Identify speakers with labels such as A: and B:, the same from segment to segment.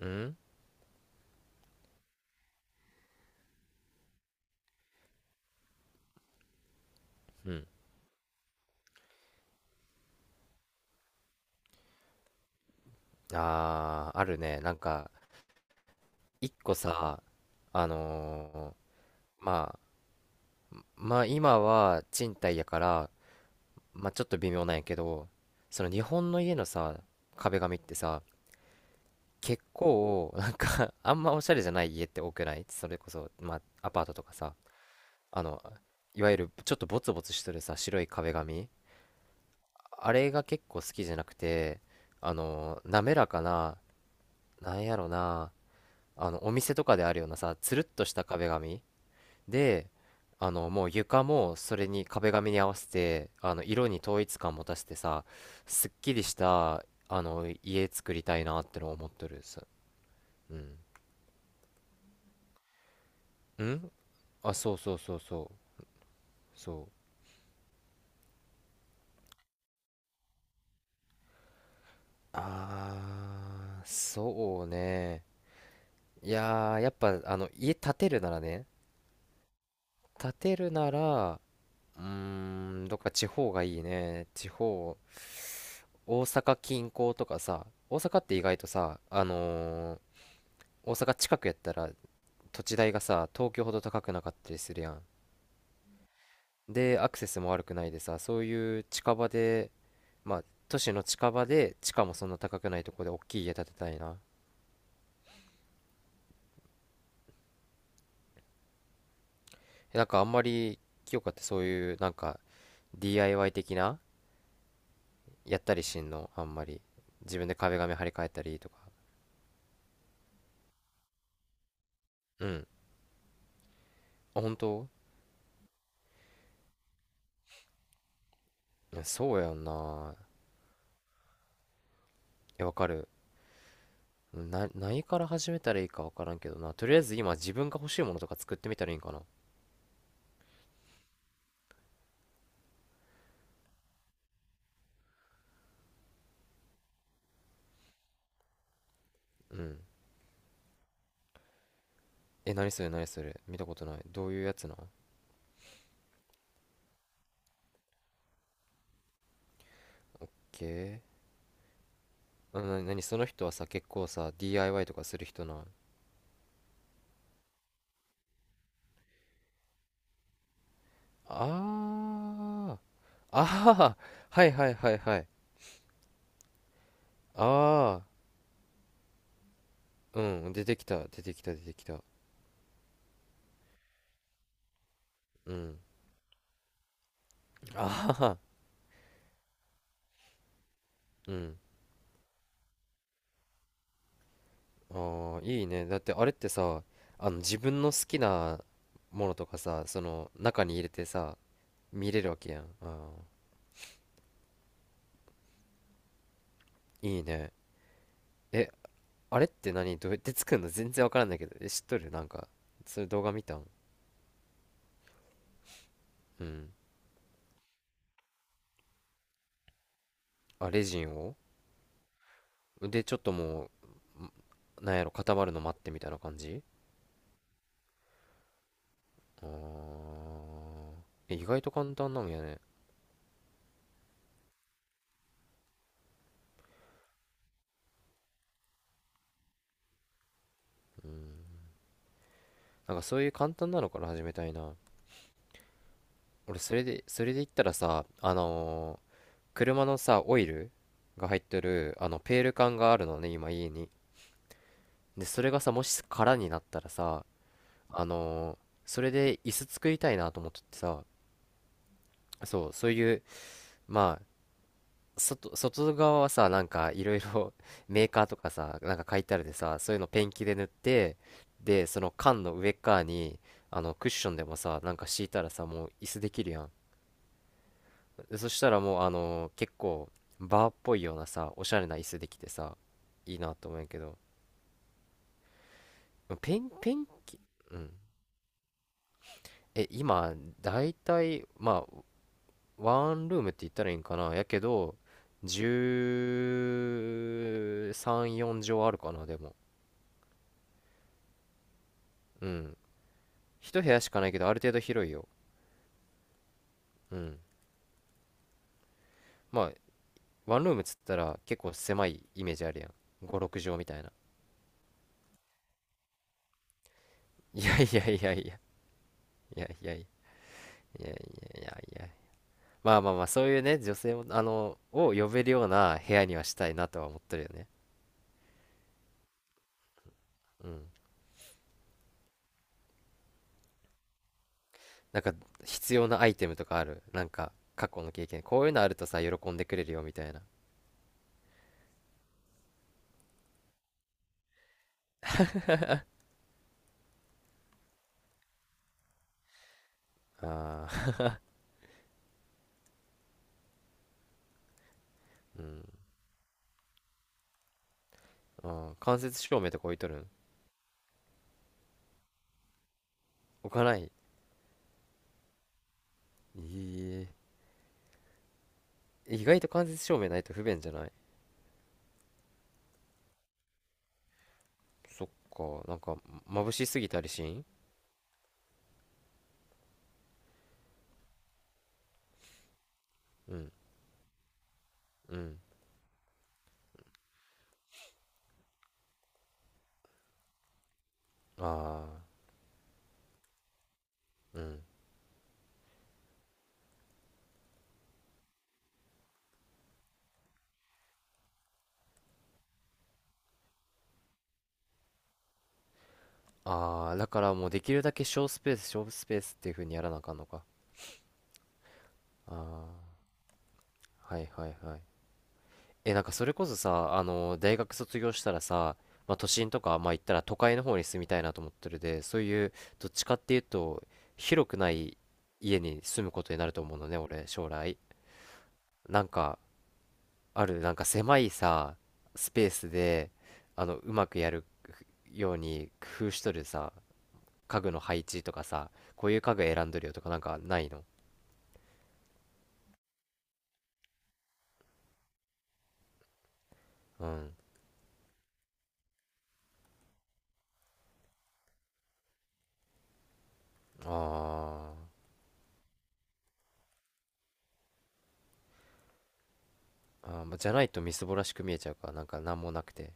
A: うんうん。ああ、あるね。なんか、一個さ、あのまあ、まあ今は賃貸やから、まあちょっと微妙なんやけど、その日本の家のさ、壁紙ってさ、結構、あんまおしゃれじゃない家って多くない、それこそ、まあアパートとかさ、あの、いわゆるちょっとボツボツしてるさ、白い壁紙。あれが結構好きじゃなくて、滑らかな、なんやろな、あのお店とかであるようなさ、つるっとした壁紙で、もう床もそれに壁紙に合わせて、あの色に統一感持たせてさ、すっきりしたあの家作りたいなってのを思ってるさ。うんうん。あ、そうそうそうそうそう。あーそうね。いやーやっぱ家建てるなら、うーどっか地方がいいね、地方。大阪近郊とかさ、大阪って意外とさ、大阪近くやったら土地代がさ、東京ほど高くなかったりするやん。で、アクセスも悪くないでさ、そういう近場で、まあ、都市の近場で、地価もそんな高くないとこで大きい家建てたいな。なんかあんまり、清香ってそういう、なんか、DIY 的な、やったりしんのあんまり。自分で壁紙張り替えたりとか。うん。あ、本当？いやそうやんな。え、わかる。何から始めたらいいか分からんけどな。とりあえず今自分が欲しいものとか作ってみたらいいんかな。うん。え、何それ、何それ、見たことない。どういうやつなん？けー。うん、何その人はさ、結構さ、DIY とかする人なん？あー。あー。はいはいはいはい。あー。うん。出てきた。出てきた出てきた。うん。あー。うん。あー。いいね。だってあれってさ、自分の好きなものとかさ、その中に入れてさ、見れるわけやん。あーいいね。え、あれって何、どうやって作るの全然わからんだけど。え、知っとる？なんか、そういう動画見たん？うん。あ、レジンを。で、ちょっともう、なんやろ、固まるの待ってみたいな感じ？あー。え、意外と簡単なんやね。なんかそういう簡単なのから始めたいな。俺、それで言ったらさ、車のさ、オイルが入ってる、ペール缶があるのね、今家に。で、それがさ、もし空になったらさ、あのーそれで椅子作りたいなと思っててさ、そう、そういう、まあ、外側はさ、なんかいろいろ メーカーとかさ、なんか書いてあるでさ、そういうのペンキで塗って、で、その缶の上っ側に、クッションでもさ、なんか敷いたらさ、もう椅子できるやん。でそしたらもう、結構、バーっぽいようなさ、おしゃれな椅子できてさ、いいなと思うんやけど、ペンキ。うん。今、だいたい、まあ、ワンルームって言ったらいいんかなやけど、13、4畳あるかな、でも。うん。一部屋しかないけど、ある程度広いよ。うん。まあ、ワンルームっつったら結構狭いイメージあるやん。5、6畳みたいな。いやいやいやいや。いやいやいやいやいやいやいや。まあまあまあ、そういうね、女性も、を呼べるような部屋にはしたいなとは思ってるよね。うん。なんか、必要なアイテムとかある？なんか、過去の経験。こういうのあるとさ、喜んでくれるよ、みたいな。ああ、うん。ああ、間接照明とか置いとるん？置かない？ええ、意外と間接照明ないと不便じゃない？そっか、なんか、眩しすぎたりしん？うん、うん。ああ、うん。ああ、だからもうできるだけ小スペース、小スペースっていう風にやらなあかんのか。ああ、はいはいはい。なんかそれこそさ、大学卒業したらさ、まあ、都心とか、まあ、行ったら都会の方に住みたいなと思ってるで、そういう、どっちかっていうと、広くない家に住むことになると思うのね、俺、将来。なんか、なんか狭いさ、スペースで、うまくやるように工夫しとるさ、家具の配置とかさ、こういう家具選んどるよとか、なんかないの？うん。あーあー、まあじゃないとみすぼらしく見えちゃうから、なんか、なんもなくて。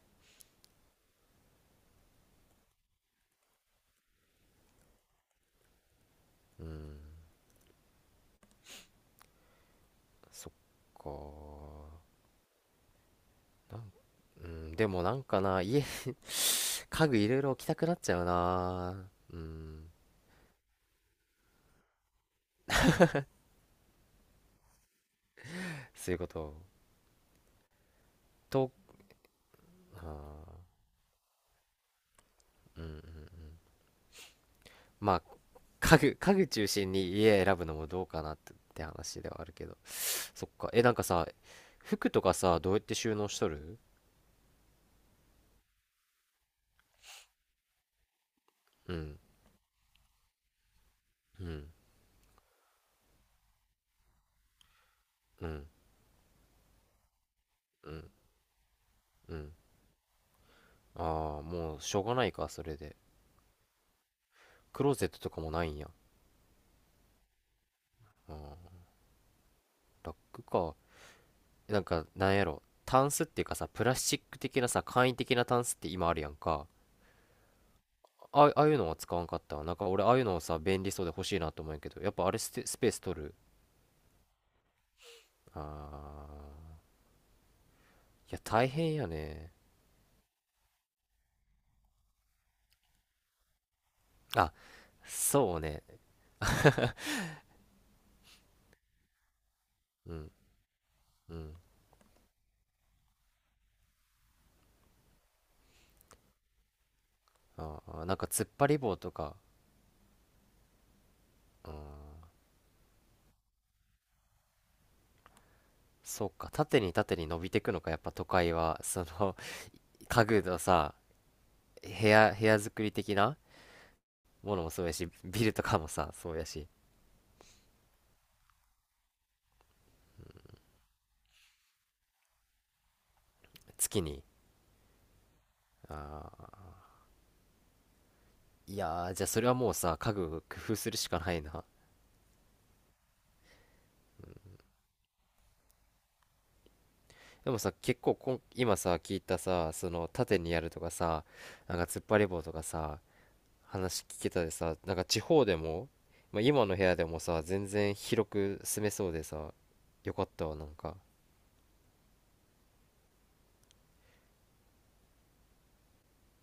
A: うん。そっかなんうん。でもなんかな、家具いろいろ置きたくなっちゃうな。うん。そういうこと、と、あー、うん。まあ、家具中心に家選ぶのもどうかなって話ではあるけど。そっか。なんかさ、服とかさ、どうやって収納しとる？うんうんうんうんうん。ああ、もうしょうがないかそれで。クローゼットとかもないんや？ああ、ラックか。なんか、なんやろ、タンスっていうかさ、プラスチック的なさ簡易的なタンスって今あるやんか。あ、ああいうのは使わんかったわ。なんか俺ああいうのをさ便利そうで欲しいなと思うんやけどやっぱあれ、スペース取る？あー、いや、大変やね。あ、そうね。うんうん。あー、なんか突っ張り棒とか。うん、そうか。縦に縦に伸びてくのか、やっぱ都会はその家具のさ、部屋作り的なものもそうやし、ビルとかもさ、そうやし。月に？あー、いやー、じゃあそれはもうさ、家具工夫するしかないな。でもさ、結構今さ、聞いたさ、その縦にやるとかさ、なんか突っ張り棒とかさ、話聞けたでさ、なんか地方でも、まあ、今の部屋でもさ、全然広く住めそうでさ、よかったわ、なんか。